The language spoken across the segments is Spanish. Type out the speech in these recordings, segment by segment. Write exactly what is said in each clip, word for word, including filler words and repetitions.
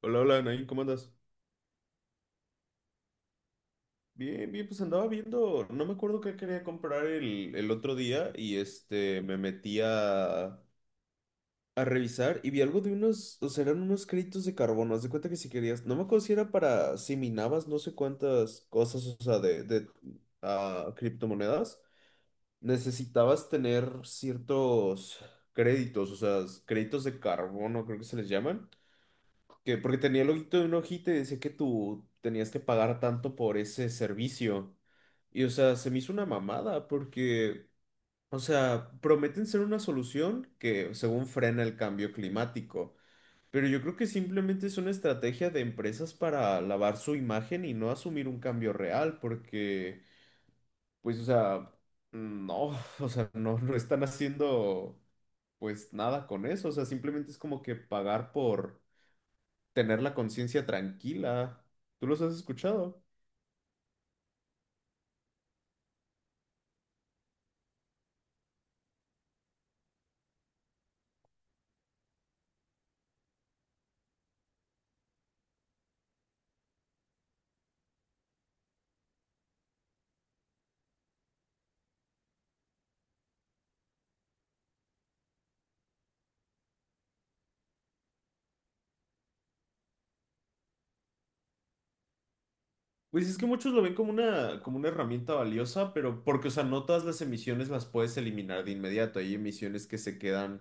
Hola, hola, Nain, ¿cómo andas? Bien, bien, pues andaba viendo, no me acuerdo qué quería comprar el, el otro día y este, me metí a, a revisar y vi algo de unos, o sea, eran unos créditos de carbono, haz de cuenta que si querías, no me acuerdo si era para, si minabas no sé cuántas cosas, o sea, de, de ah, criptomonedas, necesitabas tener ciertos créditos, o sea, créditos de carbono, creo que se les llaman. Que porque tenía el loguito de una hojita y decía que tú tenías que pagar tanto por ese servicio. Y o sea, se me hizo una mamada porque, o sea, prometen ser una solución que según frena el cambio climático. Pero yo creo que simplemente es una estrategia de empresas para lavar su imagen y no asumir un cambio real, porque, pues, o sea, no, o sea, no, no están haciendo, pues, nada con eso. O sea, simplemente es como que pagar por tener la conciencia tranquila. ¿Tú los has escuchado? Pues es que muchos lo ven como una, como una herramienta valiosa, pero porque, o sea, no todas las emisiones las puedes eliminar de inmediato. Hay emisiones que se quedan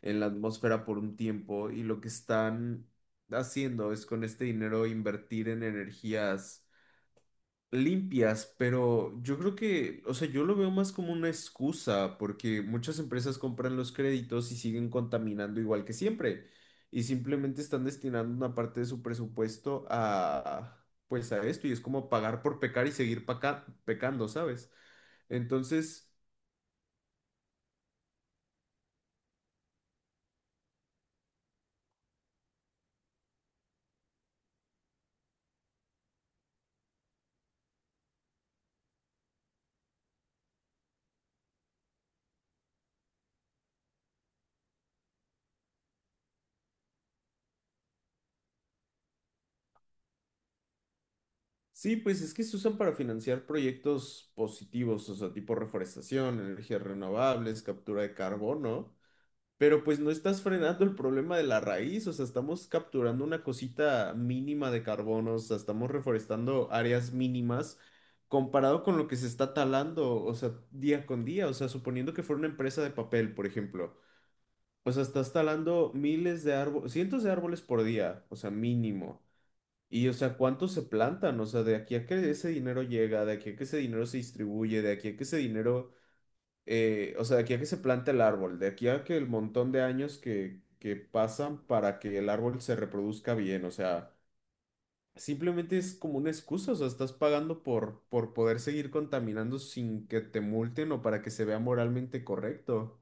en la atmósfera por un tiempo y lo que están haciendo es con este dinero invertir en energías limpias, pero yo creo que, o sea, yo lo veo más como una excusa, porque muchas empresas compran los créditos y siguen contaminando igual que siempre, y simplemente están destinando una parte de su presupuesto a, pues a esto, y es como pagar por pecar y seguir paca- pecando, ¿sabes? Entonces, sí, pues es que se usan para financiar proyectos positivos, o sea, tipo reforestación, energías renovables, captura de carbono. Pero pues no estás frenando el problema de la raíz, o sea, estamos capturando una cosita mínima de carbono, o sea, estamos reforestando áreas mínimas comparado con lo que se está talando, o sea, día con día, o sea, suponiendo que fuera una empresa de papel, por ejemplo, o sea, estás talando miles de árboles, cientos de árboles por día, o sea, mínimo. Y, o sea, ¿cuántos se plantan? O sea, de aquí a que ese dinero llega, de aquí a que ese dinero se distribuye, de aquí a que ese dinero eh, o sea, de aquí a que se plante el árbol, de aquí a que el montón de años que, que pasan para que el árbol se reproduzca bien, o sea, simplemente es como una excusa, o sea, estás pagando por, por poder seguir contaminando sin que te multen o para que se vea moralmente correcto.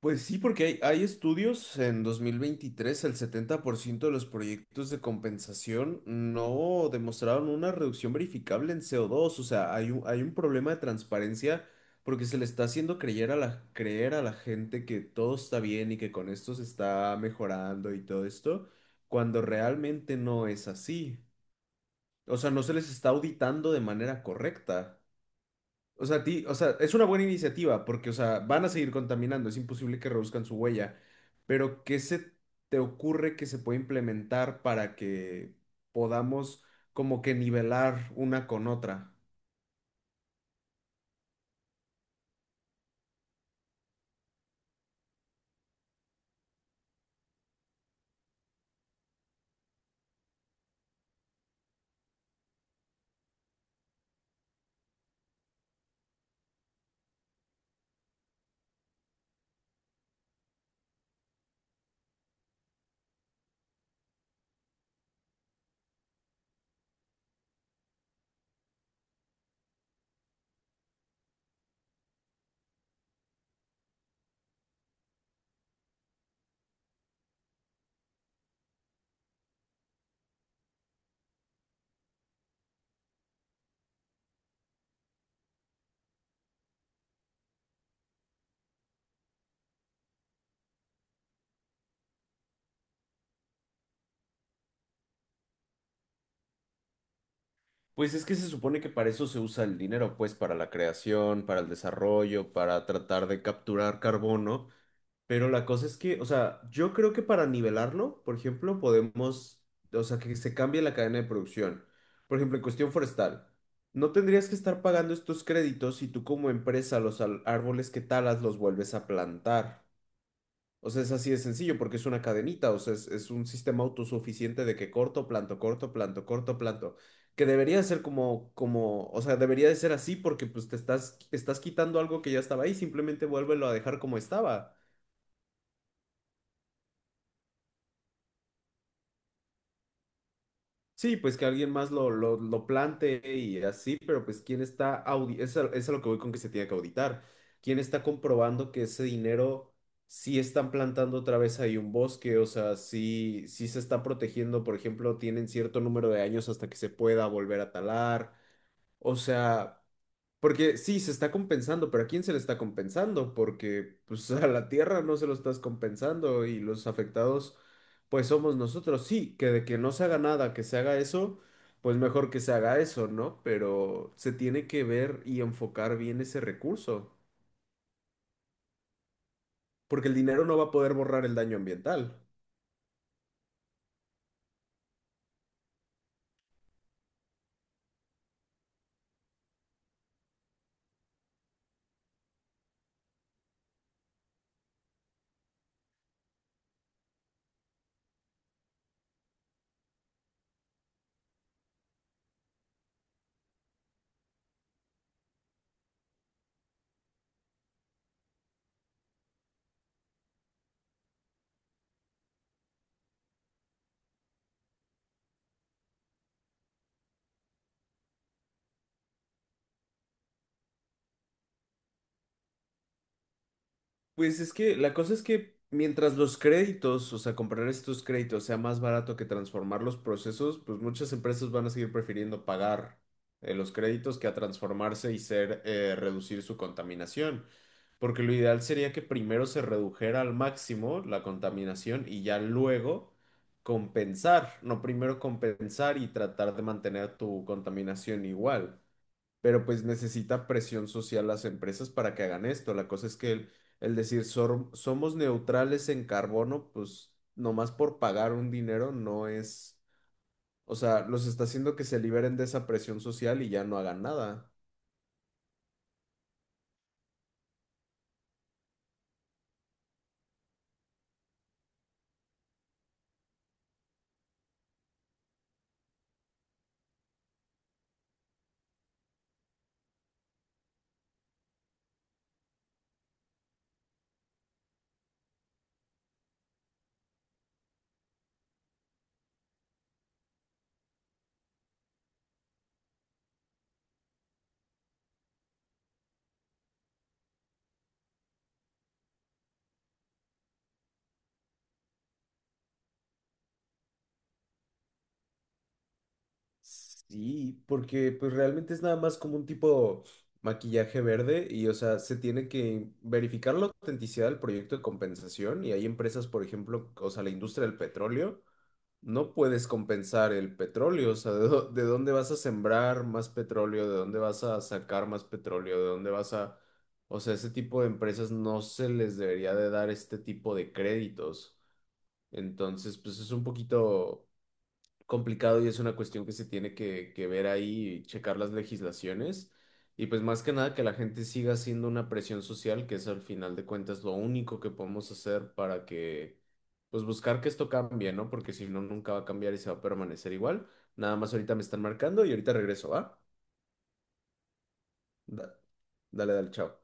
Pues sí, porque hay, hay estudios en dos mil veintitrés el setenta por ciento de los proyectos de compensación no demostraron una reducción verificable en co dos. O sea, hay un, hay un problema de transparencia porque se le está haciendo creer a la, creer a la gente que todo está bien y que con esto se está mejorando y todo esto, cuando realmente no es así. O sea, no se les está auditando de manera correcta. O sea, ti, o sea, es una buena iniciativa porque, o sea, van a seguir contaminando, es imposible que reduzcan su huella, pero ¿qué se te ocurre que se puede implementar para que podamos como que nivelar una con otra? Pues es que se supone que para eso se usa el dinero, pues para la creación, para el desarrollo, para tratar de capturar carbono. Pero la cosa es que, o sea, yo creo que para nivelarlo, por ejemplo, podemos, o sea, que se cambie la cadena de producción. Por ejemplo, en cuestión forestal, no tendrías que estar pagando estos créditos si tú como empresa los al- árboles que talas los vuelves a plantar. O sea, es así de sencillo porque es una cadenita, o sea, es, es un sistema autosuficiente de que corto, planto, corto, planto, corto, planto. Que debería de ser como, como, o sea, debería de ser así porque pues te estás, estás quitando algo que ya estaba ahí, simplemente vuélvelo a dejar como estaba. Sí, pues que alguien más lo, lo, lo plantee y así, pero pues quién está audi es a, es a lo que voy con que se tiene que auditar. ¿Quién está comprobando que ese dinero sí están plantando otra vez ahí un bosque? O sea, sí, sí se está protegiendo, por ejemplo, tienen cierto número de años hasta que se pueda volver a talar. O sea, porque sí, se está compensando, pero ¿a quién se le está compensando? Porque pues a la Tierra no se lo estás compensando y los afectados pues somos nosotros. Sí, que de que no se haga nada, que se haga eso, pues mejor que se haga eso, ¿no? Pero se tiene que ver y enfocar bien ese recurso, porque el dinero no va a poder borrar el daño ambiental. Pues es que la cosa es que mientras los créditos, o sea, comprar estos créditos sea más barato que transformar los procesos, pues muchas empresas van a seguir prefiriendo pagar eh, los créditos que a transformarse y ser, eh, reducir su contaminación. Porque lo ideal sería que primero se redujera al máximo la contaminación y ya luego compensar, no primero compensar y tratar de mantener tu contaminación igual, pero pues necesita presión social las empresas para que hagan esto. La cosa es que el, el decir "Sor- somos neutrales en carbono", pues nomás por pagar un dinero no es, o sea, los está haciendo que se liberen de esa presión social y ya no hagan nada. Sí, porque pues realmente es nada más como un tipo maquillaje verde y o sea, se tiene que verificar la autenticidad del proyecto de compensación y hay empresas, por ejemplo, o sea, la industria del petróleo no puedes compensar el petróleo, o sea, ¿de, dó- de dónde vas a sembrar más petróleo? ¿De dónde vas a sacar más petróleo? ¿De dónde vas a... O sea, ese tipo de empresas no se les debería de dar este tipo de créditos. Entonces, pues es un poquito complicado y es una cuestión que se tiene que, que ver ahí y checar las legislaciones. Y pues más que nada que la gente siga haciendo una presión social, que es al final de cuentas lo único que podemos hacer para que, pues buscar que esto cambie, ¿no? Porque si no, nunca va a cambiar y se va a permanecer igual. Nada más ahorita me están marcando y ahorita regreso, ¿va? Da- dale, dale, chao.